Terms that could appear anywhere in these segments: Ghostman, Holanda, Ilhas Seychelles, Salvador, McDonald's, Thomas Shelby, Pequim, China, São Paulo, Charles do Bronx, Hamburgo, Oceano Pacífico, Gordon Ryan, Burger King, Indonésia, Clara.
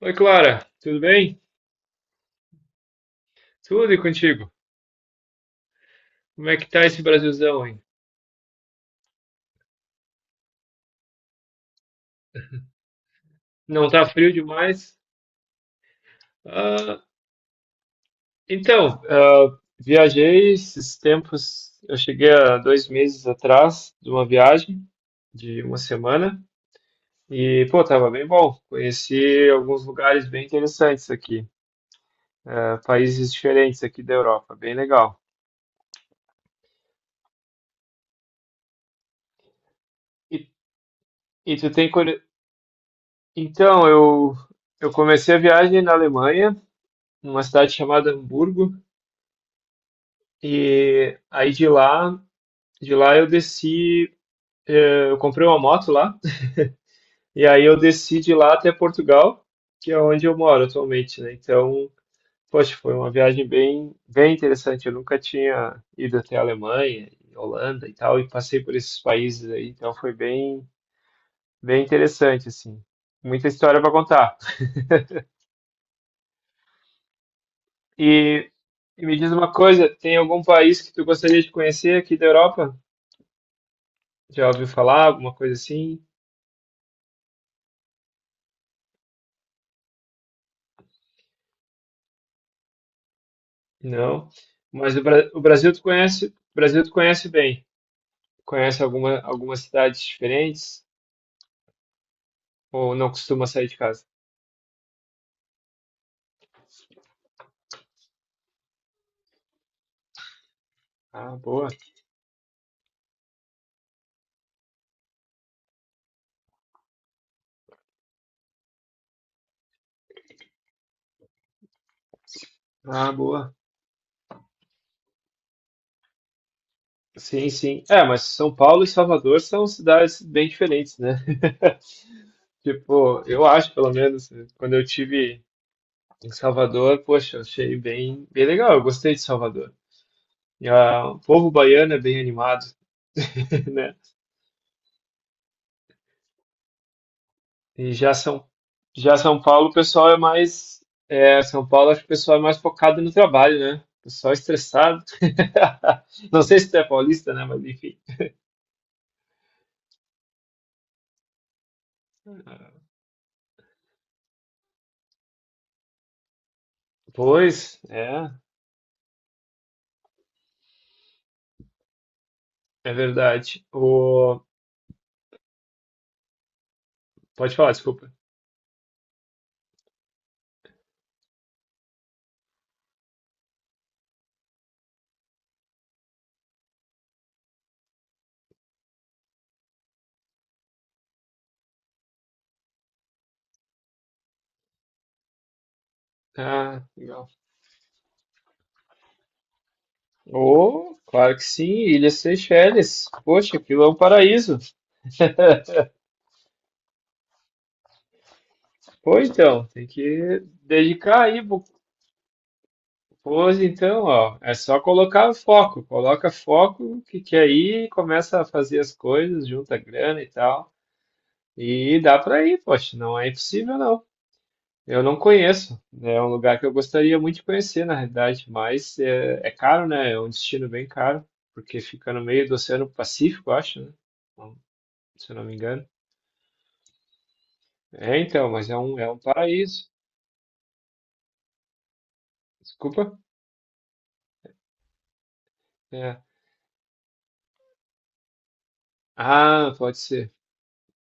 Oi, Clara, tudo bem? Tudo e contigo? Como é que tá esse Brasilzão, hein? Não tá frio demais? Ah, então, viajei esses tempos, eu cheguei há 2 meses atrás de uma viagem de uma semana e, pô, tava bem bom. Conheci alguns lugares bem interessantes aqui, ah, países diferentes aqui da Europa, bem legal. E, e tu tem... Então, eu comecei a viagem na Alemanha, numa cidade chamada Hamburgo. E aí de lá, eu desci, eu comprei uma moto lá, e aí eu desci de lá até Portugal, que é onde eu moro atualmente, né? Então, poxa, foi uma viagem bem, bem interessante. Eu nunca tinha ido até a Alemanha, e Holanda e tal, e passei por esses países aí, então foi bem, bem interessante, assim. Muita história para contar. E, e me diz uma coisa, tem algum país que tu gostaria de conhecer aqui da Europa? Já ouviu falar alguma coisa assim? Não, mas o Brasil tu conhece, o Brasil tu conhece bem. Conhece algumas cidades diferentes ou não costuma sair de casa? Ah, boa. Ah, boa. Sim, sim. É, mas São Paulo e Salvador são cidades bem diferentes, né? Tipo, eu acho, pelo menos, quando eu tive em Salvador, poxa, eu achei bem, bem legal. Eu gostei de Salvador. E ah, o povo baiano é bem animado, né? E já São, já São Paulo, o pessoal é mais. É, São Paulo, acho que o pessoal é mais focado no trabalho, né? O pessoal é estressado. Não sei se tu é paulista, né? Mas enfim. Pois, é, é verdade. O... Pode falar, desculpa. Ah, legal. Oh, claro que sim, Ilhas Seychelles. Poxa, aquilo é um paraíso. Pô, então, tem que dedicar aí. Pois então, ó, é só colocar o foco, coloca foco que aí começa a fazer as coisas, junta grana e tal. E dá para ir, poxa, não é impossível não. Eu não conheço, né, é um lugar que eu gostaria muito de conhecer, na realidade, mas é caro, né? É um destino bem caro, porque fica no meio do Oceano Pacífico, eu acho, né? Então, se eu não me engano. É, então, mas é um paraíso. Desculpa. É. Ah, pode ser.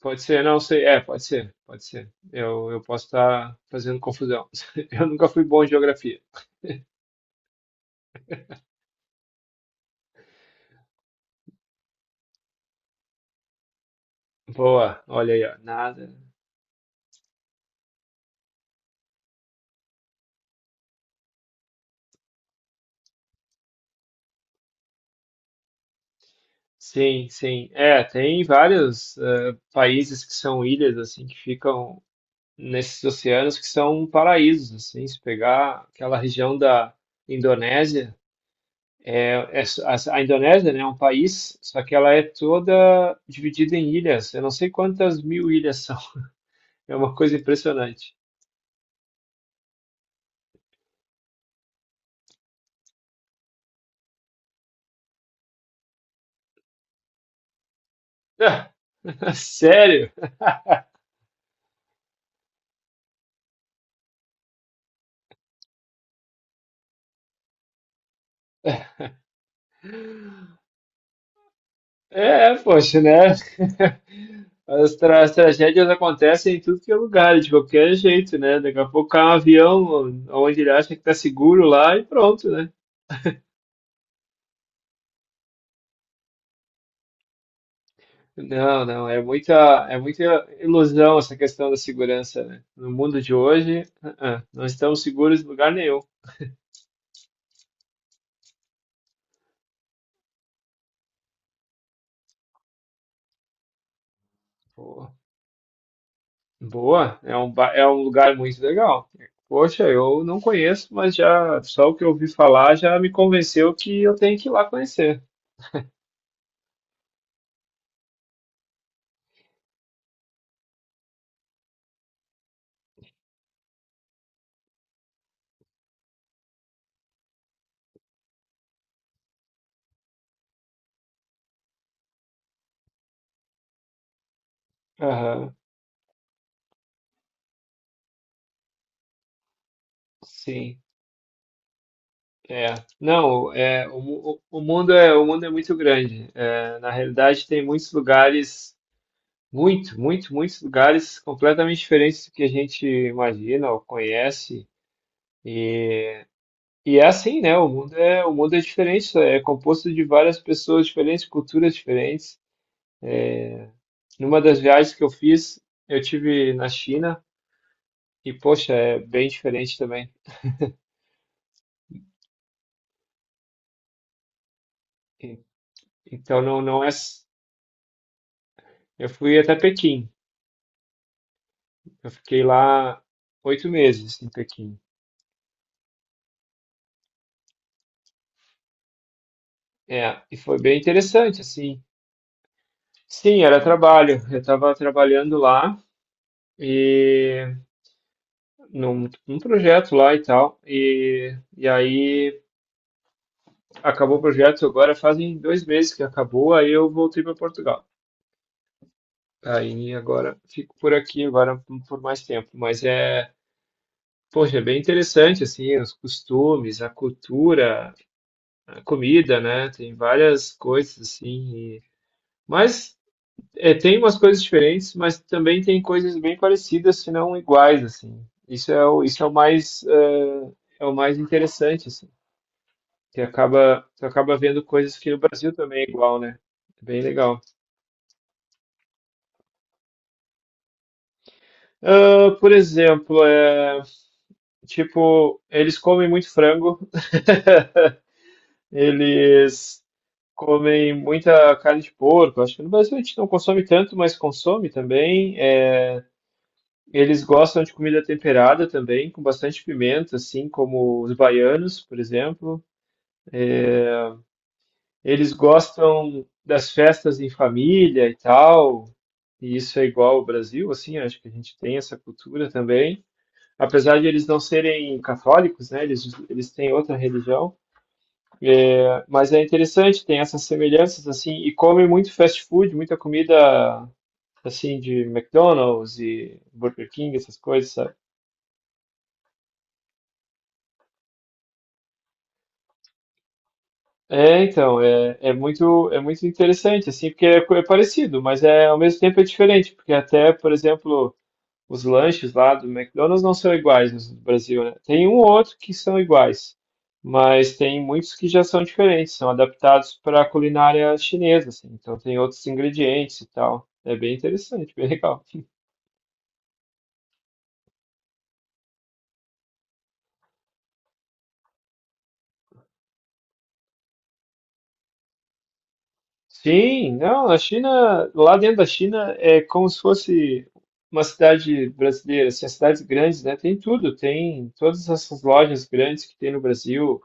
Pode ser, não sei. É, pode ser, pode ser. Eu posso estar fazendo confusão. Eu nunca fui bom em geografia. Boa, olha aí, ó. Nada. Sim, sim. É, tem vários países que são ilhas, assim, que ficam nesses oceanos que são paraísos, assim. Se pegar aquela região da Indonésia, a Indonésia, né, é um país, só que ela é toda dividida em ilhas. Eu não sei quantas mil ilhas são. É uma coisa impressionante. Sério? É, é, poxa, né? Tragédias acontecem em tudo que é lugar, de qualquer jeito, né? Daqui a pouco cai um avião onde ele acha que tá seguro lá e pronto, né? Não, não, é muita ilusão essa questão da segurança, né? No mundo de hoje, não estamos seguros em lugar nenhum. Boa, é um lugar muito legal. Poxa, eu não conheço, mas já só o que eu ouvi falar já me convenceu que eu tenho que ir lá conhecer. Aham, sim, é. Não, é, o mundo é muito grande. É, na realidade, tem muitos lugares, muito, muito, muitos lugares completamente diferentes do que a gente imagina ou conhece. E é assim, né? O mundo é diferente, é composto de várias pessoas diferentes, culturas diferentes. Numa das viagens que eu fiz, eu tive na China e, poxa, é bem diferente também. E- Então não, não é. Eu fui até Pequim. Eu fiquei lá 8 meses em Pequim. É, e foi bem interessante, assim. Sim, era trabalho. Eu estava trabalhando lá e num projeto lá e tal. E aí acabou o projeto. Agora fazem 2 meses que acabou. Aí eu voltei para Portugal. Aí agora fico por aqui agora por mais tempo, mas é, poxa, é bem interessante assim, os costumes, a cultura, a comida, né? Tem várias coisas assim, e- mas é, tem umas coisas diferentes, mas também tem coisas bem parecidas, se não iguais assim. Isso é o mais é, o mais interessante assim, que acaba tu acaba vendo coisas que no Brasil também é igual, né? É bem legal. Ah, por exemplo, é, tipo, eles comem muito frango. Eles comem muita carne de porco. Acho que no Brasil a gente não consome tanto, mas consome também. É, eles gostam de comida temperada também, com bastante pimenta, assim como os baianos, por exemplo. Eles gostam das festas em família e tal. E isso é igual ao Brasil, assim, acho que a gente tem essa cultura também. Apesar de eles não serem católicos, né? Eles têm outra religião. Mas é interessante, tem essas semelhanças, assim, e come muito fast food, muita comida, assim, de McDonald's e Burger King, essas coisas, sabe? É, então, é, é muito interessante, assim, porque é, é parecido, mas é, ao mesmo tempo é diferente, porque até, por exemplo, os lanches lá do McDonald's não são iguais no Brasil, né? Tem um ou outro que são iguais, mas tem muitos que já são diferentes, são adaptados para a culinária chinesa, assim, então tem outros ingredientes e tal. É bem interessante, bem legal. Sim, não, a China, lá dentro da China é como se fosse uma cidade brasileira, assim, as cidades grandes, né? Tem tudo, tem todas essas lojas grandes que tem no Brasil,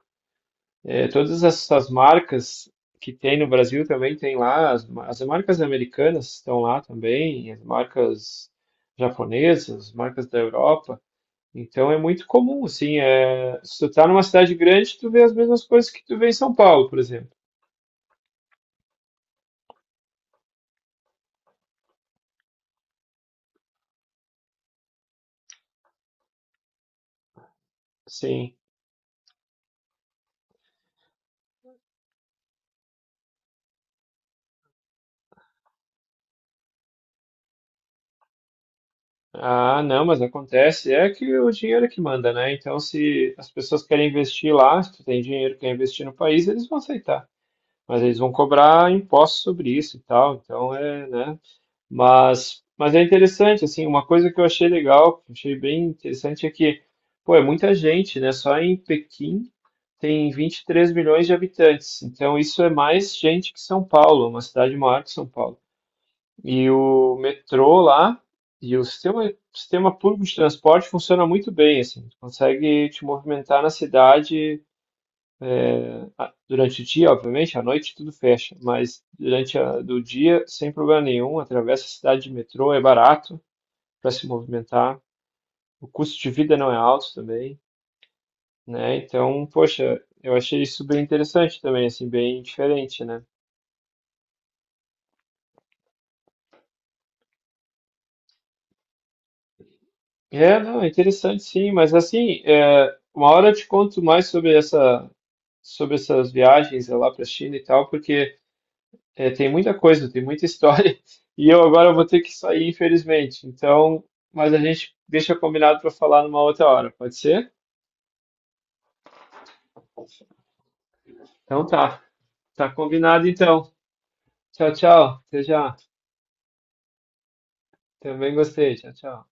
é, todas essas marcas que tem no Brasil também tem lá, as marcas americanas estão lá também, as marcas japonesas, as marcas da Europa. Então é muito comum, assim, é, se tu tá numa cidade grande, tu vê as mesmas coisas que tu vê em São Paulo, por exemplo. Sim. Ah, não, mas acontece. É que o dinheiro é que manda, né? Então, se as pessoas querem investir lá, se tu tem dinheiro que quer investir no país, eles vão aceitar. Mas eles vão cobrar impostos sobre isso e tal. Então, é, né? Mas é interessante, assim, uma coisa que eu achei legal, que eu achei bem interessante é que, pô, é muita gente, né? Só em Pequim tem 23 milhões de habitantes. Então, isso é mais gente que São Paulo, uma cidade maior que São Paulo. E o metrô lá e o sistema público de transporte funciona muito bem, assim. Tu consegue te movimentar na cidade durante o dia, obviamente, à noite tudo fecha, mas durante a, do dia, sem problema nenhum, atravessa a cidade de metrô, é barato para se movimentar. O custo de vida não é alto também, né? Então, poxa, eu achei isso bem interessante também, assim, bem diferente, né? É, não, é interessante sim, mas assim, é, uma hora eu te conto mais sobre essa sobre essas viagens é, lá para a China e tal, porque é, tem muita coisa, tem muita história, e eu agora vou ter que sair, infelizmente. Então, mas a gente deixa combinado para falar numa outra hora, pode ser? Então tá, tá combinado então. Tchau, tchau. Até já. Também gostei. Tchau, tchau.